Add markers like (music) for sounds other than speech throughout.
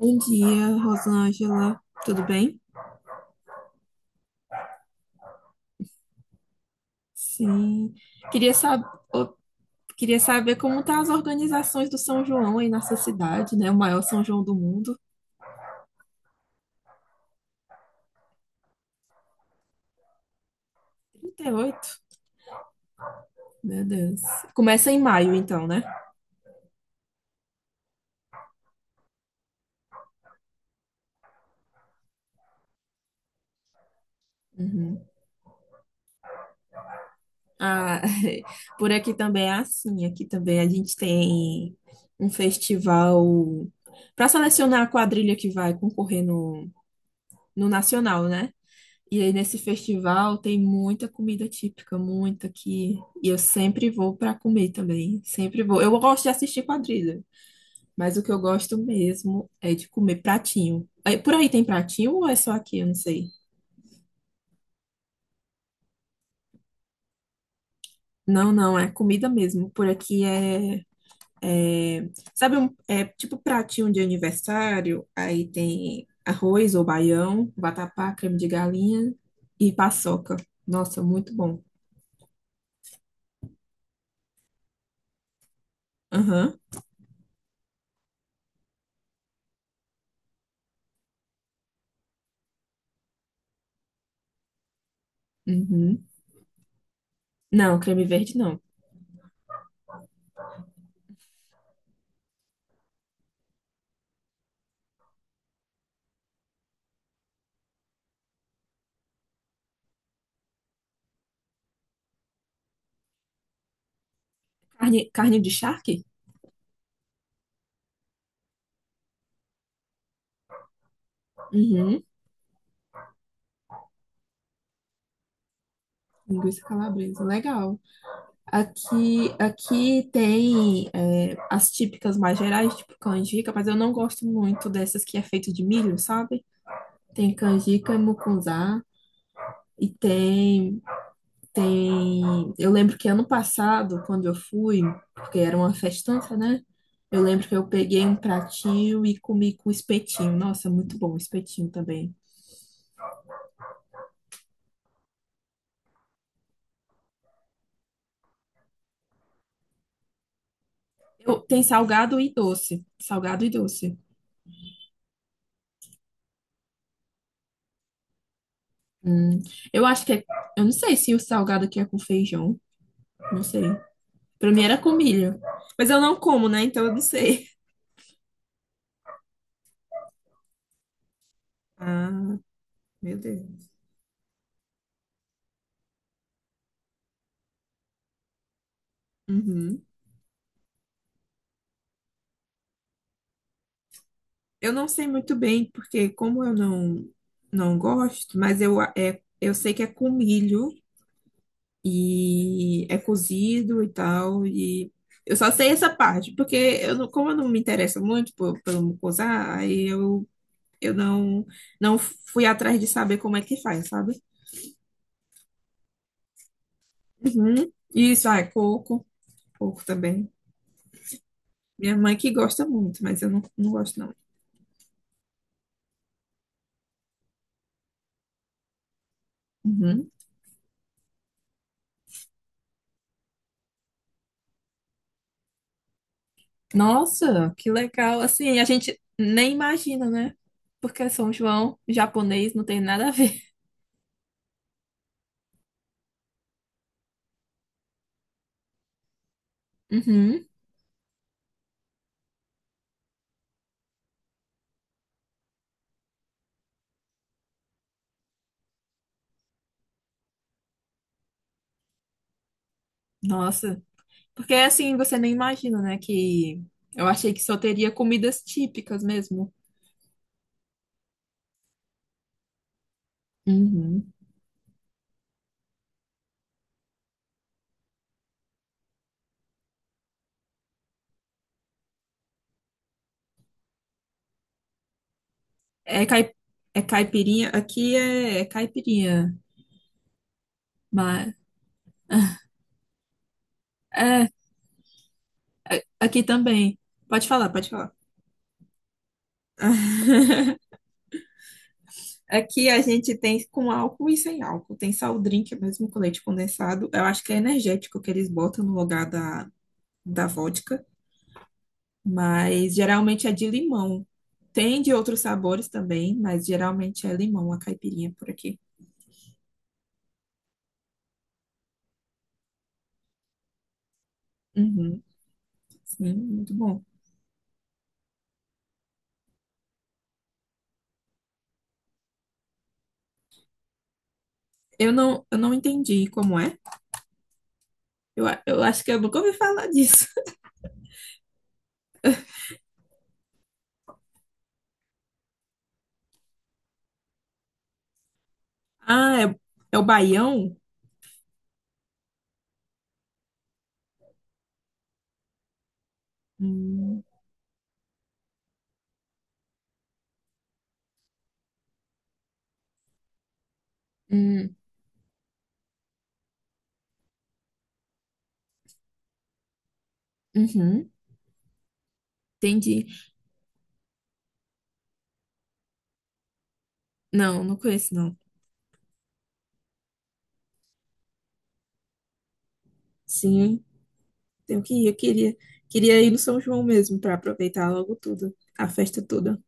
Bom dia, Rosângela. Tudo bem? Sim. Queria sab... ô, Queria saber como estão as organizações do São João aí nessa cidade, né? O maior São João do mundo. 38. Meu Deus. Começa em maio, então, né? Uhum. Ah, (laughs) por aqui também é assim. Aqui também a gente tem um festival para selecionar a quadrilha que vai concorrer no Nacional, né? E aí nesse festival tem muita comida típica, muita que e eu sempre vou para comer também, sempre vou. Eu gosto de assistir quadrilha, mas o que eu gosto mesmo é de comer pratinho. Aí, por aí tem pratinho ou é só aqui? Eu não sei. Não, não, é comida mesmo. Por aqui sabe, é tipo pratinho de aniversário, aí tem arroz ou baião, vatapá, creme de galinha e paçoca. Nossa, muito bom. Aham. Uhum. Não, creme verde não. Carne, carne de charque? Uhum. Linguiça calabresa, legal. Aqui tem é, as típicas mais gerais, tipo canjica, mas eu não gosto muito dessas que é feito de milho, sabe? Tem canjica, mucunzá, e tem, tem... eu lembro que ano passado, quando eu fui, porque era uma festança, né? Eu lembro que eu peguei um pratinho e comi com espetinho. Nossa, muito bom o espetinho também. Eu, tem salgado e doce. Salgado e doce. Hum, eu acho que é. Eu não sei se o salgado aqui é com feijão. Não sei. Pra mim era com milho. Mas eu não como, né? Então eu não sei. Ah, meu Deus. Uhum. Eu não sei muito bem, porque como eu não, não gosto, mas eu sei que é com milho e é cozido e tal. E eu só sei essa parte, porque eu não, como eu não me interesso muito pelo mucosá, aí eu não, não fui atrás de saber como é que faz, sabe? Uhum. Isso, ah, é coco. Coco também. Minha mãe que gosta muito, mas eu não, não gosto, não. Uhum. Nossa, que legal. Assim, a gente nem imagina, né? Porque São João, japonês, não tem nada a ver. Uhum. Nossa. Porque assim, você nem imagina, né? Que eu achei que só teria comidas típicas mesmo. Uhum. É, cai... é caipirinha. É caipirinha. Mas... (laughs) É, aqui também. Pode falar, pode falar. Aqui a gente tem com álcool e sem álcool. Tem só o drink mesmo com leite condensado. Eu acho que é energético que eles botam no lugar da vodka, mas geralmente é de limão. Tem de outros sabores também, mas geralmente é limão, a caipirinha por aqui. Uhum, sim, muito bom. Eu não entendi como é. Eu acho que eu nunca ouvi falar disso. (laughs) Ah, é, é o baião? Hum, hum, uhum, entendi. Não, não conheço, não. Sim. Tenho que ir, queria ir no São João mesmo para aproveitar logo tudo, a festa toda.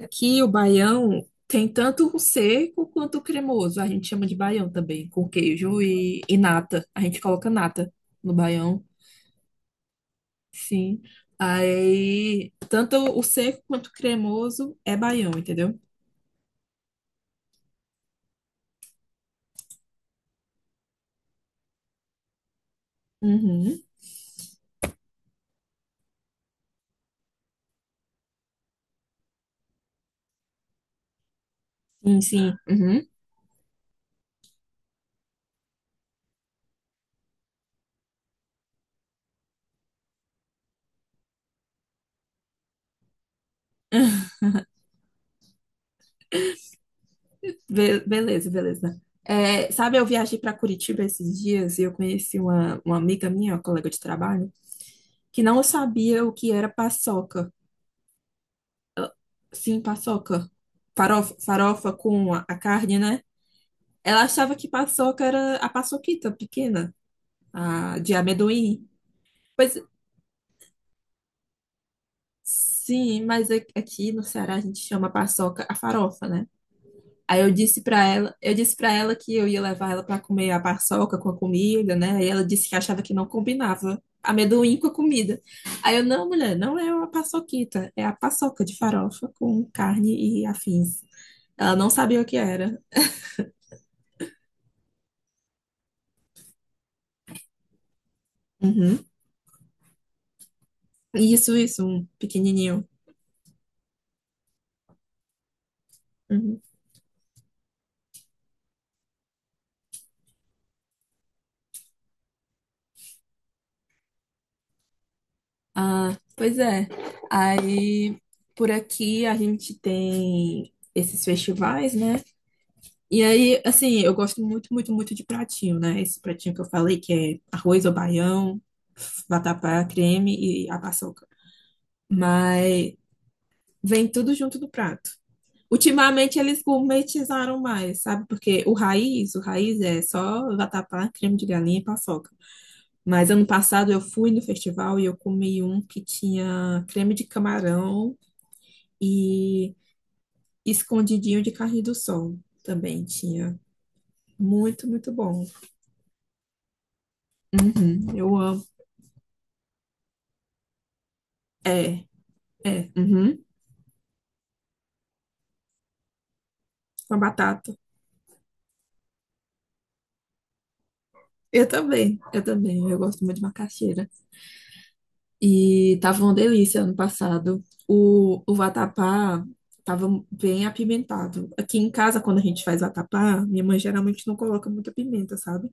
Aqui o baião tem tanto o seco quanto o cremoso. A gente chama de baião também, com queijo e nata. A gente coloca nata no baião, sim. Aí, tanto o seco quanto o cremoso é baião, entendeu? Uhum. Sim, sim. Uhum. (laughs) Beleza, beleza. É, sabe, eu viajei para Curitiba esses dias e eu conheci uma amiga minha, uma colega de trabalho, que não sabia o que era paçoca. Sim, paçoca. Farofa, farofa com a carne, né? Ela achava que paçoca era a paçoquita pequena, a de amendoim. Pois sim, mas aqui no Ceará a gente chama paçoca a farofa, né? Aí eu disse pra ela, eu disse para ela que eu ia levar ela pra comer a paçoca com a comida, né? E ela disse que achava que não combinava amendoim com a comida. Aí eu, não, mulher, não é uma paçoquita, é a paçoca de farofa com carne e afins. Ela não sabia o que era. Uhum. Isso, um pequenininho. Uhum. Ah, pois é. Aí, por aqui a gente tem esses festivais, né? E aí, assim, eu gosto muito, muito, muito de pratinho, né? Esse pratinho que eu falei, que é arroz ou baião, vatapá, creme e a paçoca. Mas vem tudo junto do prato. Ultimamente eles gourmetizaram mais, sabe? Porque o raiz é só vatapá, creme de galinha e paçoca. Mas ano passado eu fui no festival e eu comi um que tinha creme de camarão e escondidinho de carne do sol também tinha. Muito, muito bom. Uhum, eu amo. É, é, uhum, com a batata. Eu também, eu também, eu gosto muito de macaxeira. E tava uma delícia ano passado. O vatapá tava bem apimentado. Aqui em casa, quando a gente faz vatapá, minha mãe geralmente não coloca muita pimenta, sabe?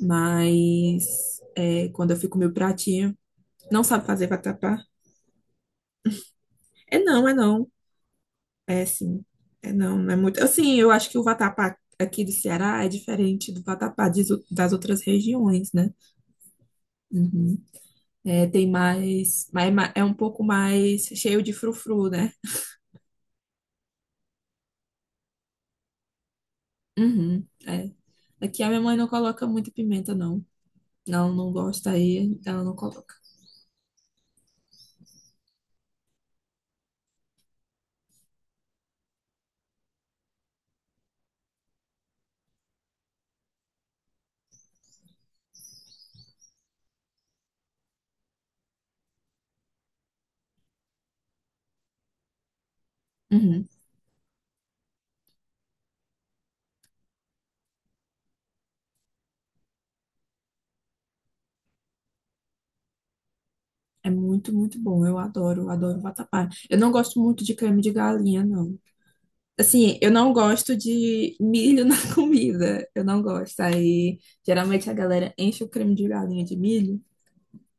Mas é, quando eu fico meu pratinho, não sabe fazer vatapá? É não, é não. É sim. É não, não é muito. Assim, eu acho que o vatapá aqui do Ceará é diferente do vatapá das outras regiões, né? Uhum. É, tem mais, mais. É um pouco mais cheio de frufru, né? Uhum, é. Aqui a minha mãe não coloca muita pimenta, não. Não, não gosta aí, ela não coloca. Uhum. É muito, muito bom. Eu adoro, adoro vatapá. Eu não gosto muito de creme de galinha, não. Assim, eu não gosto de milho na (laughs) comida. Eu não gosto. Aí, geralmente a galera enche o creme de galinha de milho.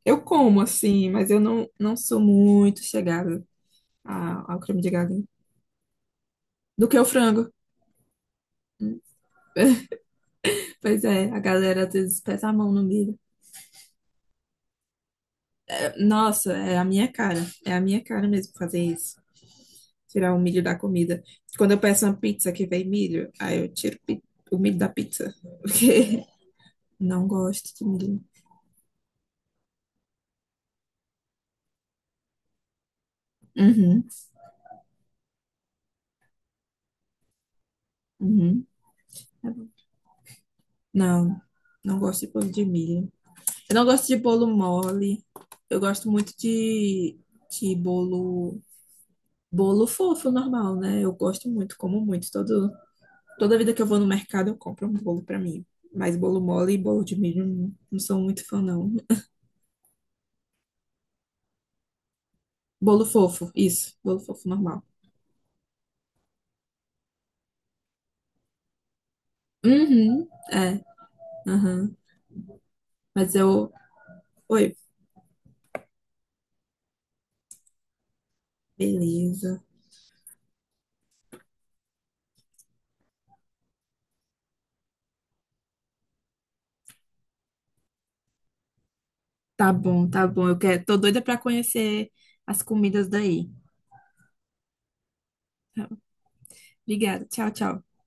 Eu como, assim, mas eu não, não sou muito chegada ao creme de galinha. Do que o frango. Hum. (laughs) Pois é, a galera às vezes pesa a mão no milho. É, nossa, é a minha cara. É a minha cara mesmo fazer isso. Tirar o milho da comida. Quando eu peço uma pizza que vem milho, aí eu tiro o milho da pizza. (laughs) Porque não gosto de milho. Uhum. Uhum. Tá bom. Não, não gosto de bolo de milho. Eu não gosto de bolo mole. Eu gosto muito de bolo fofo, normal, né? Eu gosto muito, como muito. Toda vida que eu vou no mercado, eu compro um bolo pra mim. Mas bolo mole e bolo de milho, não, não sou muito fã, não. Bolo fofo, isso. Bolo fofo normal. Uhum, é, aham. Mas eu. Oi, beleza. Tá bom, tá bom. Eu quero, tô doida pra conhecer as comidas daí. Obrigada. Tchau, tchau.